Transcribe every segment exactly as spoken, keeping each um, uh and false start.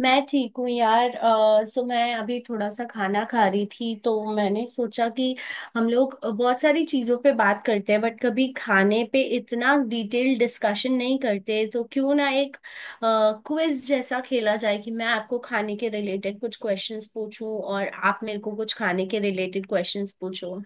मैं ठीक हूँ यार अ, सो मैं अभी थोड़ा सा खाना खा रही थी, तो मैंने सोचा कि हम लोग बहुत सारी चीज़ों पे बात करते हैं बट कभी खाने पे इतना डिटेल डिस्कशन नहीं करते, तो क्यों ना एक क्विज जैसा खेला जाए कि मैं आपको खाने के रिलेटेड कुछ क्वेश्चंस पूछूं और आप मेरे को कुछ खाने के रिलेटेड क्वेश्चंस पूछो।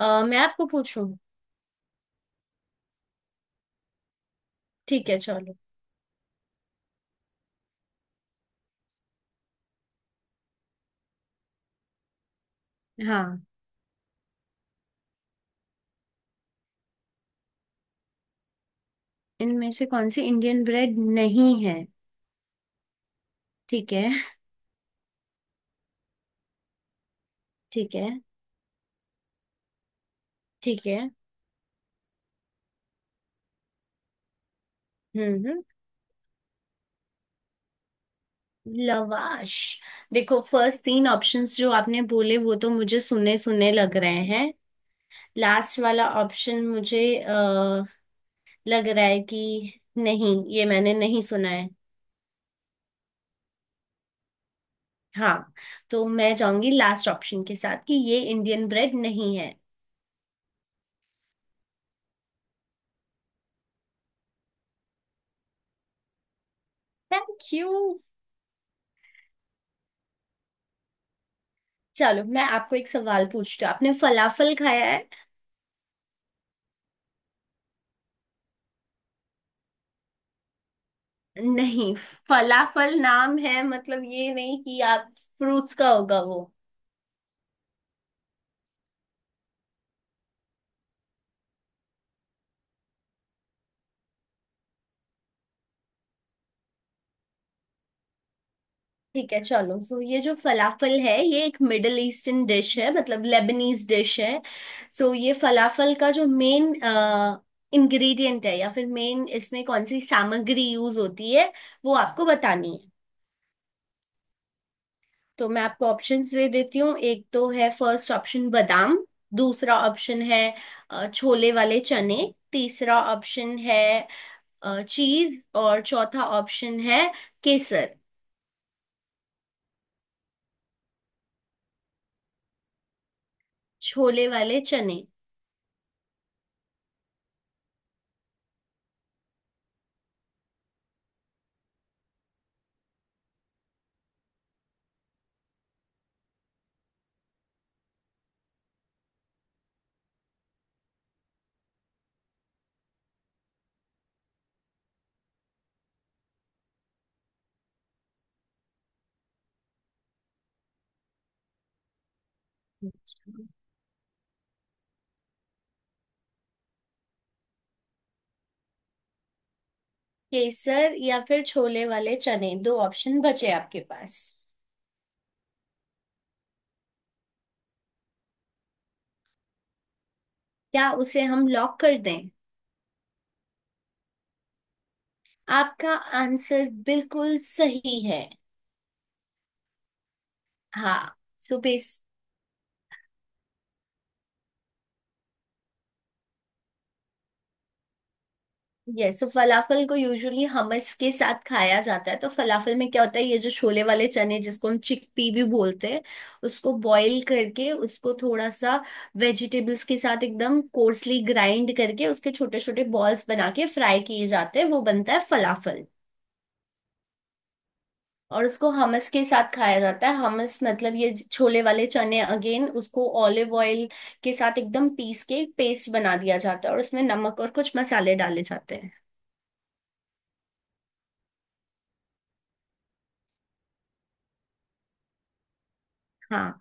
अ, मैं आपको पूछूं। ठीक है चलो। हाँ, इनमें से कौन सी इंडियन ब्रेड नहीं है। ठीक है। ठीक है। ठीक है। हम्म। लवाश। देखो, फर्स्ट तीन ऑप्शंस जो आपने बोले वो तो मुझे सुने सुने लग रहे हैं। लास्ट वाला ऑप्शन मुझे आ, लग रहा है कि नहीं, ये मैंने नहीं सुना है। हाँ। तो मैं जाऊंगी लास्ट ऑप्शन के साथ कि ये इंडियन ब्रेड नहीं है। Thank you. चलो मैं आपको एक सवाल पूछती हूँ, आपने फलाफल खाया है। नहीं, फलाफल नाम है, मतलब ये नहीं कि आप फ्रूट्स का होगा वो। ठीक है, चलो। सो ये जो फलाफल है ये एक मिडल ईस्टर्न डिश है, मतलब लेबनीज डिश है। सो ये फलाफल का जो मेन इंग्रेडिएंट है, या फिर मेन इसमें कौन सी सामग्री यूज होती है वो आपको बतानी है। तो मैं आपको ऑप्शंस दे देती हूँ। एक तो है फर्स्ट ऑप्शन, बादाम। दूसरा ऑप्शन है अ, छोले वाले चने। तीसरा ऑप्शन है चीज। और चौथा ऑप्शन है केसर। छोले वाले चने। केसर या फिर छोले वाले चने, दो ऑप्शन बचे आपके पास। क्या उसे हम लॉक कर दें। आपका आंसर बिल्कुल सही है। हाँ। So base. Yes. So falafel को यूजुअली हमस के साथ खाया जाता है। तो फलाफल में क्या होता है, ये जो छोले वाले चने जिसको हम चिकपी भी बोलते हैं, उसको बॉईल करके, उसको थोड़ा सा वेजिटेबल्स के साथ एकदम कोर्सली ग्राइंड करके उसके छोटे छोटे बॉल्स बना के फ्राई किए जाते हैं, वो बनता है फलाफल। और उसको हमस के साथ खाया जाता है। हमस मतलब ये छोले वाले चने अगेन, उसको ऑलिव ऑयल के साथ एकदम पीस के पेस्ट बना दिया जाता है, और उसमें नमक और कुछ मसाले डाले जाते हैं। हाँ।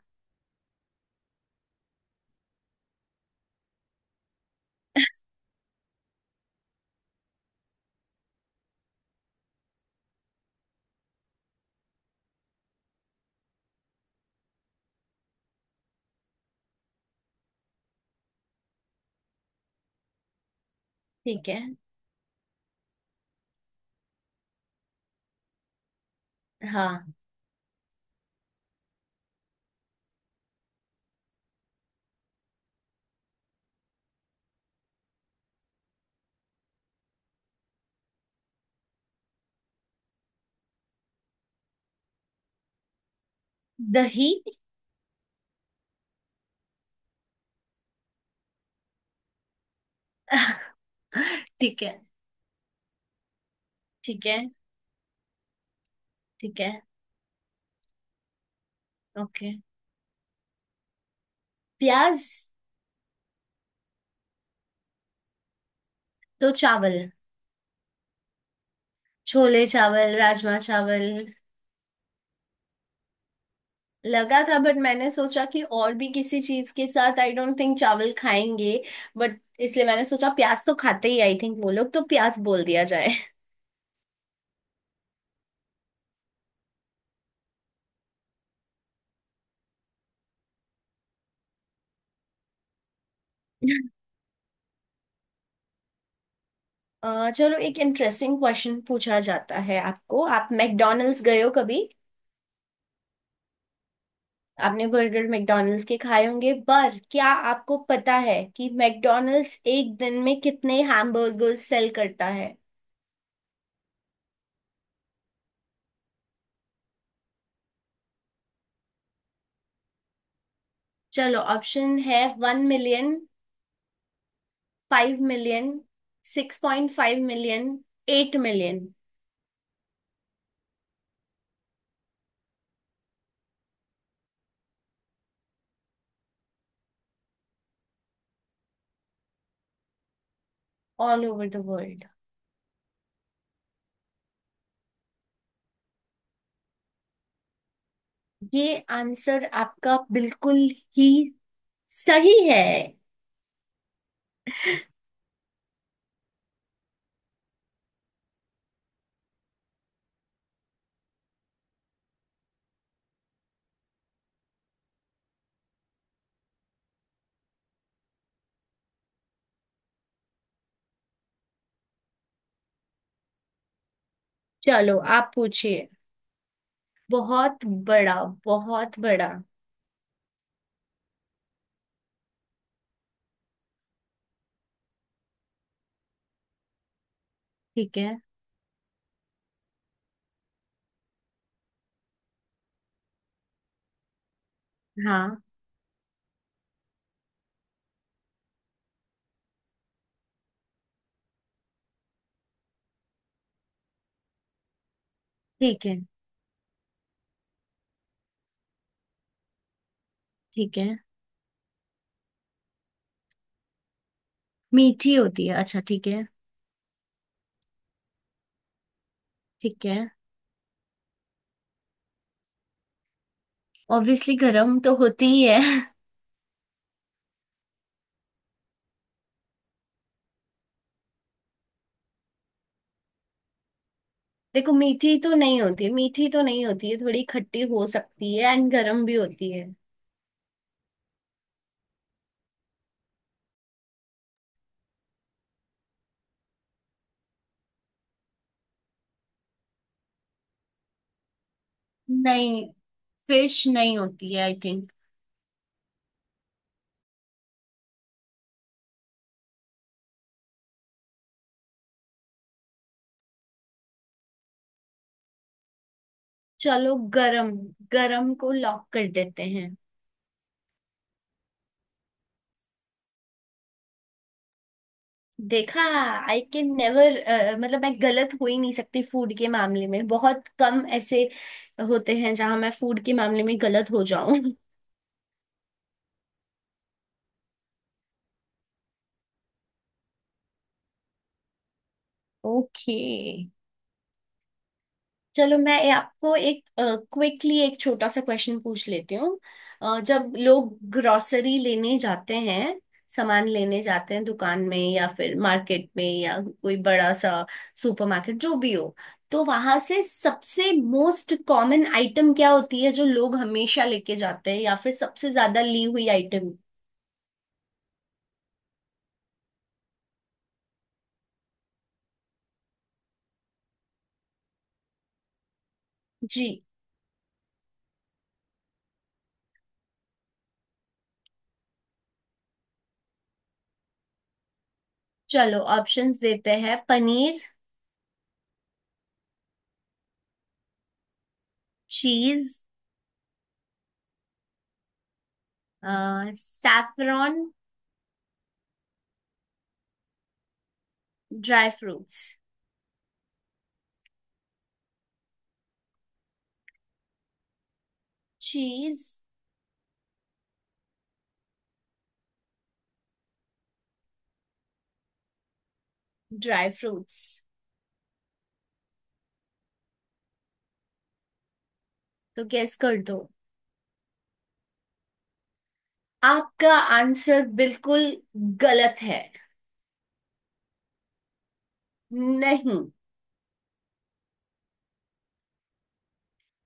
ठीक है। हाँ। दही। ठीक है। ठीक है। ठीक है। ओके। प्याज। तो चावल। छोले चावल राजमा चावल लगा था, बट मैंने सोचा कि और भी किसी चीज के साथ आई डोंट थिंक चावल खाएंगे, बट इसलिए मैंने सोचा प्याज तो खाते ही आई थिंक वो लोग, तो प्याज बोल दिया जाए। अ, चलो एक इंटरेस्टिंग क्वेश्चन पूछा जाता है आपको। आप मैकडोनल्ड्स गए हो कभी। आपने बर्गर मैकडोनल्ड्स के खाए होंगे, पर क्या आपको पता है कि मैकडोनल्ड्स एक दिन में कितने हैमबर्गर्स सेल करता है। चलो, ऑप्शन है one million, five million, six point five million, eight million. All over the world. ये आंसर आपका बिल्कुल ही सही है। चलो आप पूछिए। बहुत बड़ा। बहुत बड़ा। ठीक है। हाँ। ठीक है। ठीक है। मीठी होती है, अच्छा ठीक है। ठीक है। ऑब्वियसली गर्म तो होती ही है। देखो, मीठी तो नहीं होती है, मीठी तो नहीं होती है, थोड़ी खट्टी हो सकती है एंड गर्म भी होती है। नहीं, फिश नहीं होती है आई थिंक। चलो गरम। गरम को लॉक कर देते हैं। देखा। आई कैन नेवर, मतलब मैं गलत हो ही नहीं सकती फूड के मामले में। बहुत कम ऐसे होते हैं जहां मैं फूड के मामले में गलत हो जाऊं। ओके। चलो मैं ए- आपको एक क्विकली एक छोटा सा क्वेश्चन पूछ लेती हूँ। अ, जब लोग ग्रोसरी लेने जाते हैं, सामान लेने जाते हैं दुकान में या फिर मार्केट में या कोई बड़ा सा सुपरमार्केट जो भी हो, तो वहां से सबसे मोस्ट कॉमन आइटम क्या होती है जो लोग हमेशा लेके जाते हैं, या फिर सबसे ज्यादा ली हुई आइटम। जी। चलो ऑप्शंस देते हैं। Paneer. Cheese. Saffron. Dry fruits. Cheese. Dry fruits. तो गेस कर दो। आपका आंसर बिल्कुल गलत है। नहीं।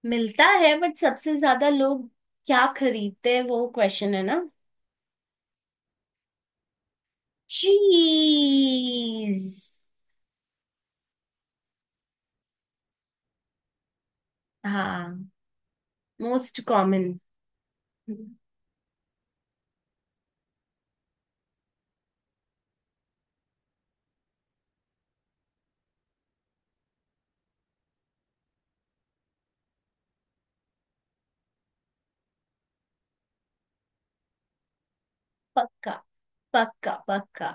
मिलता है, बट सबसे ज्यादा लोग क्या खरीदते हैं वो क्वेश्चन है ना। चीज। हाँ। Most common. पक्का पक्का पक्का।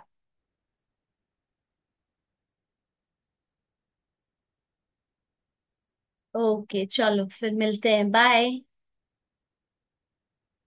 ओके, चलो फिर मिलते हैं। बाय।